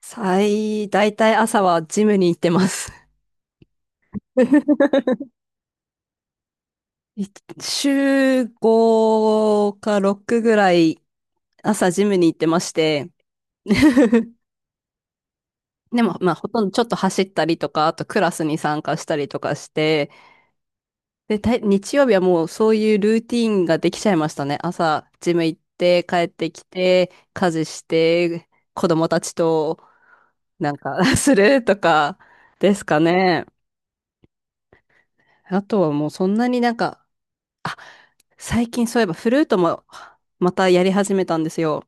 最、大体朝はジムに行ってます。い週5か6ぐらい朝ジムに行ってまして、でも、まあ、ほとんどちょっと走ったりとか、あとクラスに参加したりとかして、で、たい日曜日はもうそういうルーティーンができちゃいましたね。朝、ジム行って、帰ってきて、家事して、子供たちとなんか するとかですかね。あとはもうそんなになんか、最近そういえばフルートもまたやり始めたんですよ。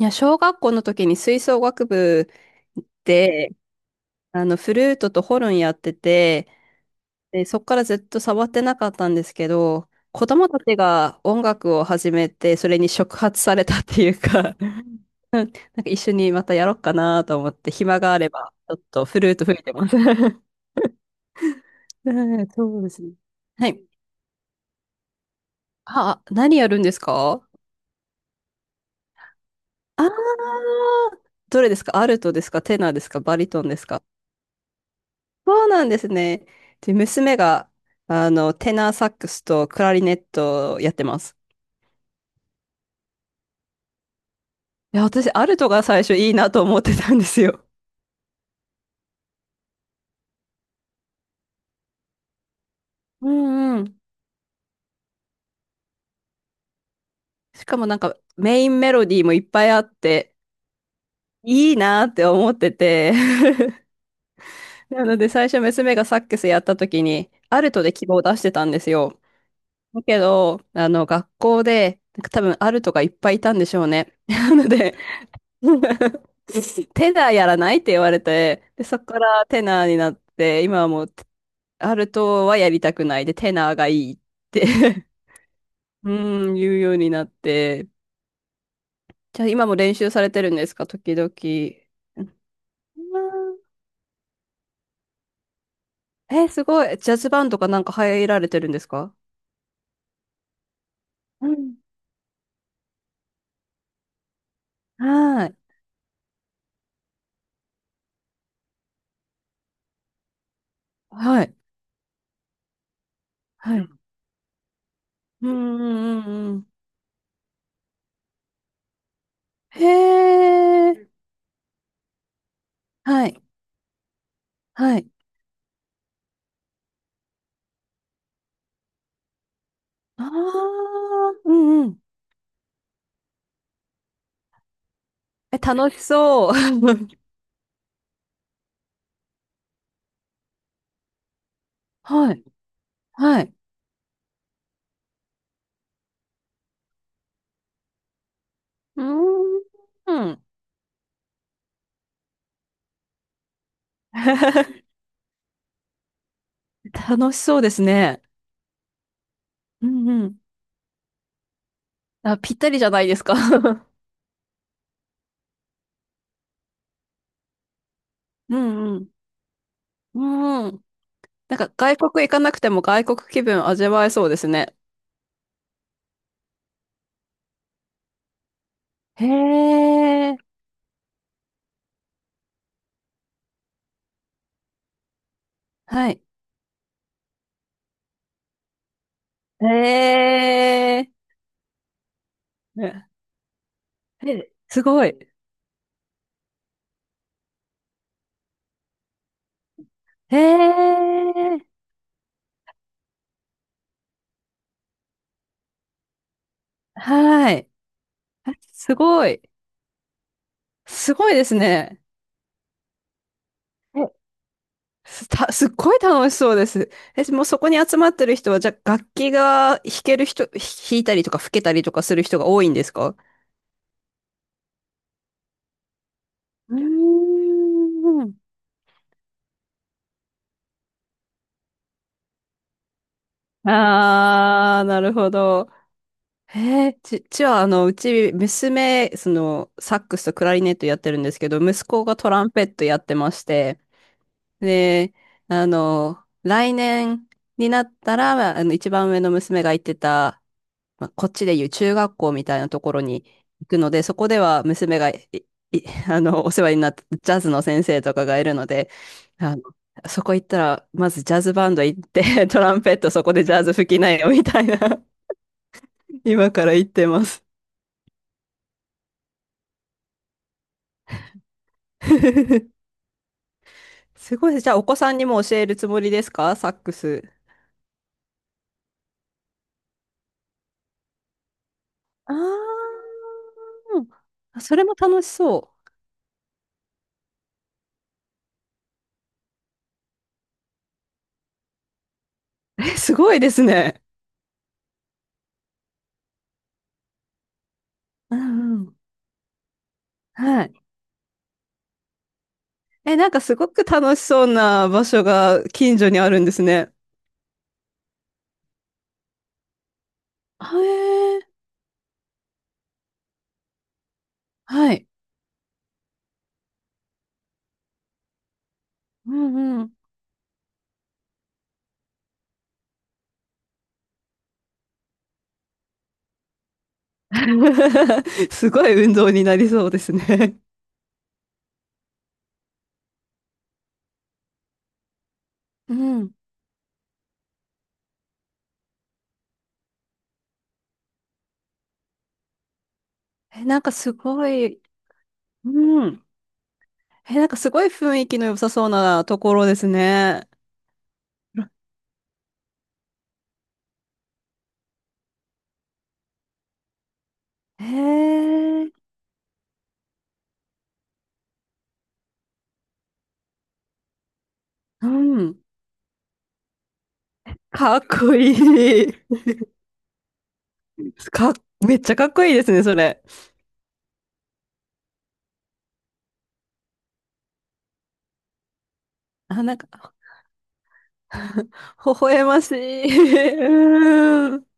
いや、小学校の時に吹奏楽部で、あの、フルートとホルンやってて、で、そっからずっと触ってなかったんですけど、子供たちが音楽を始めて、それに触発されたっていうか、なんか一緒にまたやろうかなと思って、暇があれば、ちょっとフルート吹いてます。うんそうですね。はい。あ、何やるんですか？ああー、どれですか？アルトですか？テナーですか？バリトンですか？そうなんですね。で、娘が、あの、テナーサックスとクラリネットをやってます。いや、私、アルトが最初いいなと思ってたんですよ。うんうん。しかもなんか、メインメロディーもいっぱいあって、いいなって思ってて。なので、最初娘がサックスやった時に、アルトで希望を出してたんですよ。だけど、あの、学校で、なんか多分アルトがいっぱいいたんでしょうね。なので、テナーやらないって言われて、で、そこからテナーになって、今はもう、アルトはやりたくないで、テナーがいいって 言うようになって、じゃあ今も練習されてるんですか、時々。うん。え、すごい。ジャズバンドかなんか入られてるんですか？うん。はい。はい。はい。うんうんうんうん。へえ。はい。はい。ああ。うんうん。え、楽しそう。はい。はい。うーん。楽しそうですね。うんうん。あ、ぴったりじゃないですか。うんうん。うん。なんか外国行かなくても外国気分味わえそうですね。へえ。はい。へえ。ね。えすごい。へえ。はい。あ、すごい。すごいですね。す た、すっごい楽しそうです。え、もうそこに集まってる人は、じゃあ楽器が弾ける人、弾いたりとか吹けたりとかする人が多いんですか？うーん。あー、なるほど。へえ、ち、ちは、あの、うち、娘、その、サックスとクラリネットやってるんですけど、息子がトランペットやってまして、で、あの、来年になったら、あの、一番上の娘が行ってた、まあ、こっちでいう中学校みたいなところに行くので、そこでは娘がい、い あの、お世話になったジャズの先生とかがいるので、あの、そこ行ったら、まずジャズバンド行って、トランペットそこでジャズ吹きなよ、みたいな、今から言ってます。すごいです。じゃあ、お子さんにも教えるつもりですか？サックス。あー、それも楽しそう。え、すごいですね。うんうん。はい。え、なんかすごく楽しそうな場所が近所にあるんですね。あ、へえ、はい。うんうん。すごい運動になりそうですね。うん。え、なんかすごい、うん。え、なんかすごい雰囲気の良さそうなところですね。へえ、うん。かっこいい。かっ、めっちゃかっこいいですね、それ。あ、なんか 微笑ましい。うん。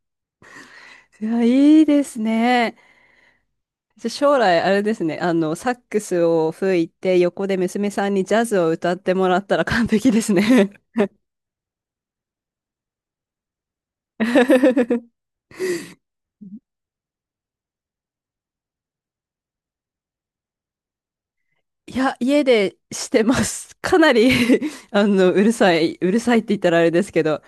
いや、いいですね。じゃあ将来、あれですね、あの、サックスを吹いて、横で娘さんにジャズを歌ってもらったら完璧ですね。いや、家でしてます。かなり あの、うるさい、うるさいって言ったらあれですけど、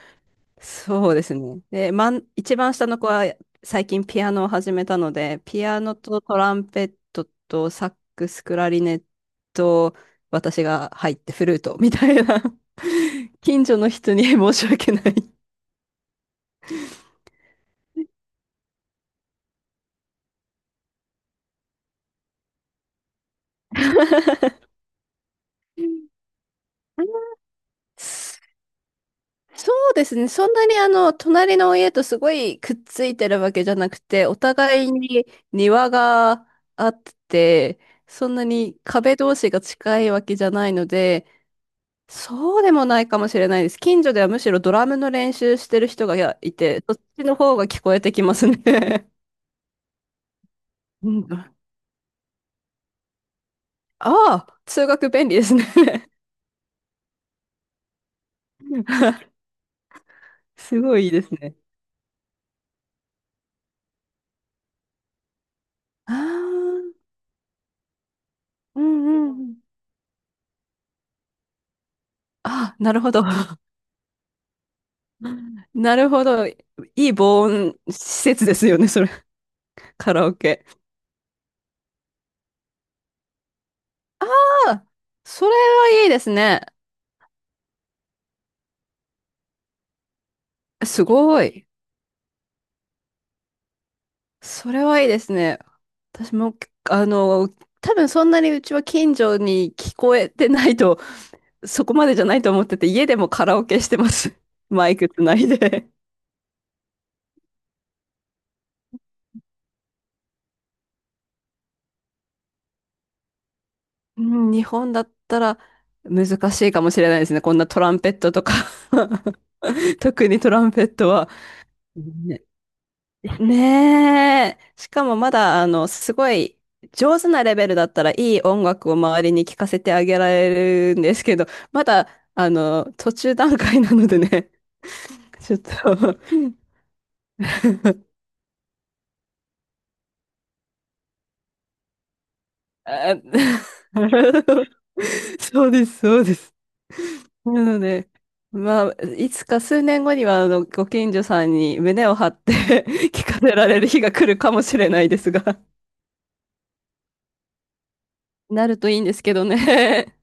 そうですね。で、まん、一番下の子は最近ピアノを始めたので、ピアノとトランペットとサックス、クラリネット、私が入ってフルートみたいな、近所の人に申し訳ない。そうですね。そんなにあの、隣の家とすごいくっついてるわけじゃなくて、お互いに庭があって、そんなに壁同士が近いわけじゃないので、そうでもないかもしれないです。近所ではむしろドラムの練習してる人がいて、そっちの方が聞こえてきますね。うん、ああ、通学便利ですね。すごいいいですね。ああ、うんうんうん。ああ、なるほど。なるほど。いい防音施設ですよね、それ。カラオケ。ああ、それはいいですね。すごい。それはいいですね。私も、あの、多分そんなにうちは近所に聞こえてないと、そこまでじゃないと思ってて、家でもカラオケしてます。マイクつないで。うん、日本だったら難しいかもしれないですね。こんなトランペットとか 特にトランペットは。ね。ねえ。しかもまだ、あの、すごい上手なレベルだったらいい音楽を周りに聴かせてあげられるんですけど、まだ、あの、途中段階なのでね、ちょっと あ そうです、そうです。なので、まあ、いつか数年後には、あの、ご近所さんに胸を張って 聞かせられる日が来るかもしれないですが、なるといいんですけどね。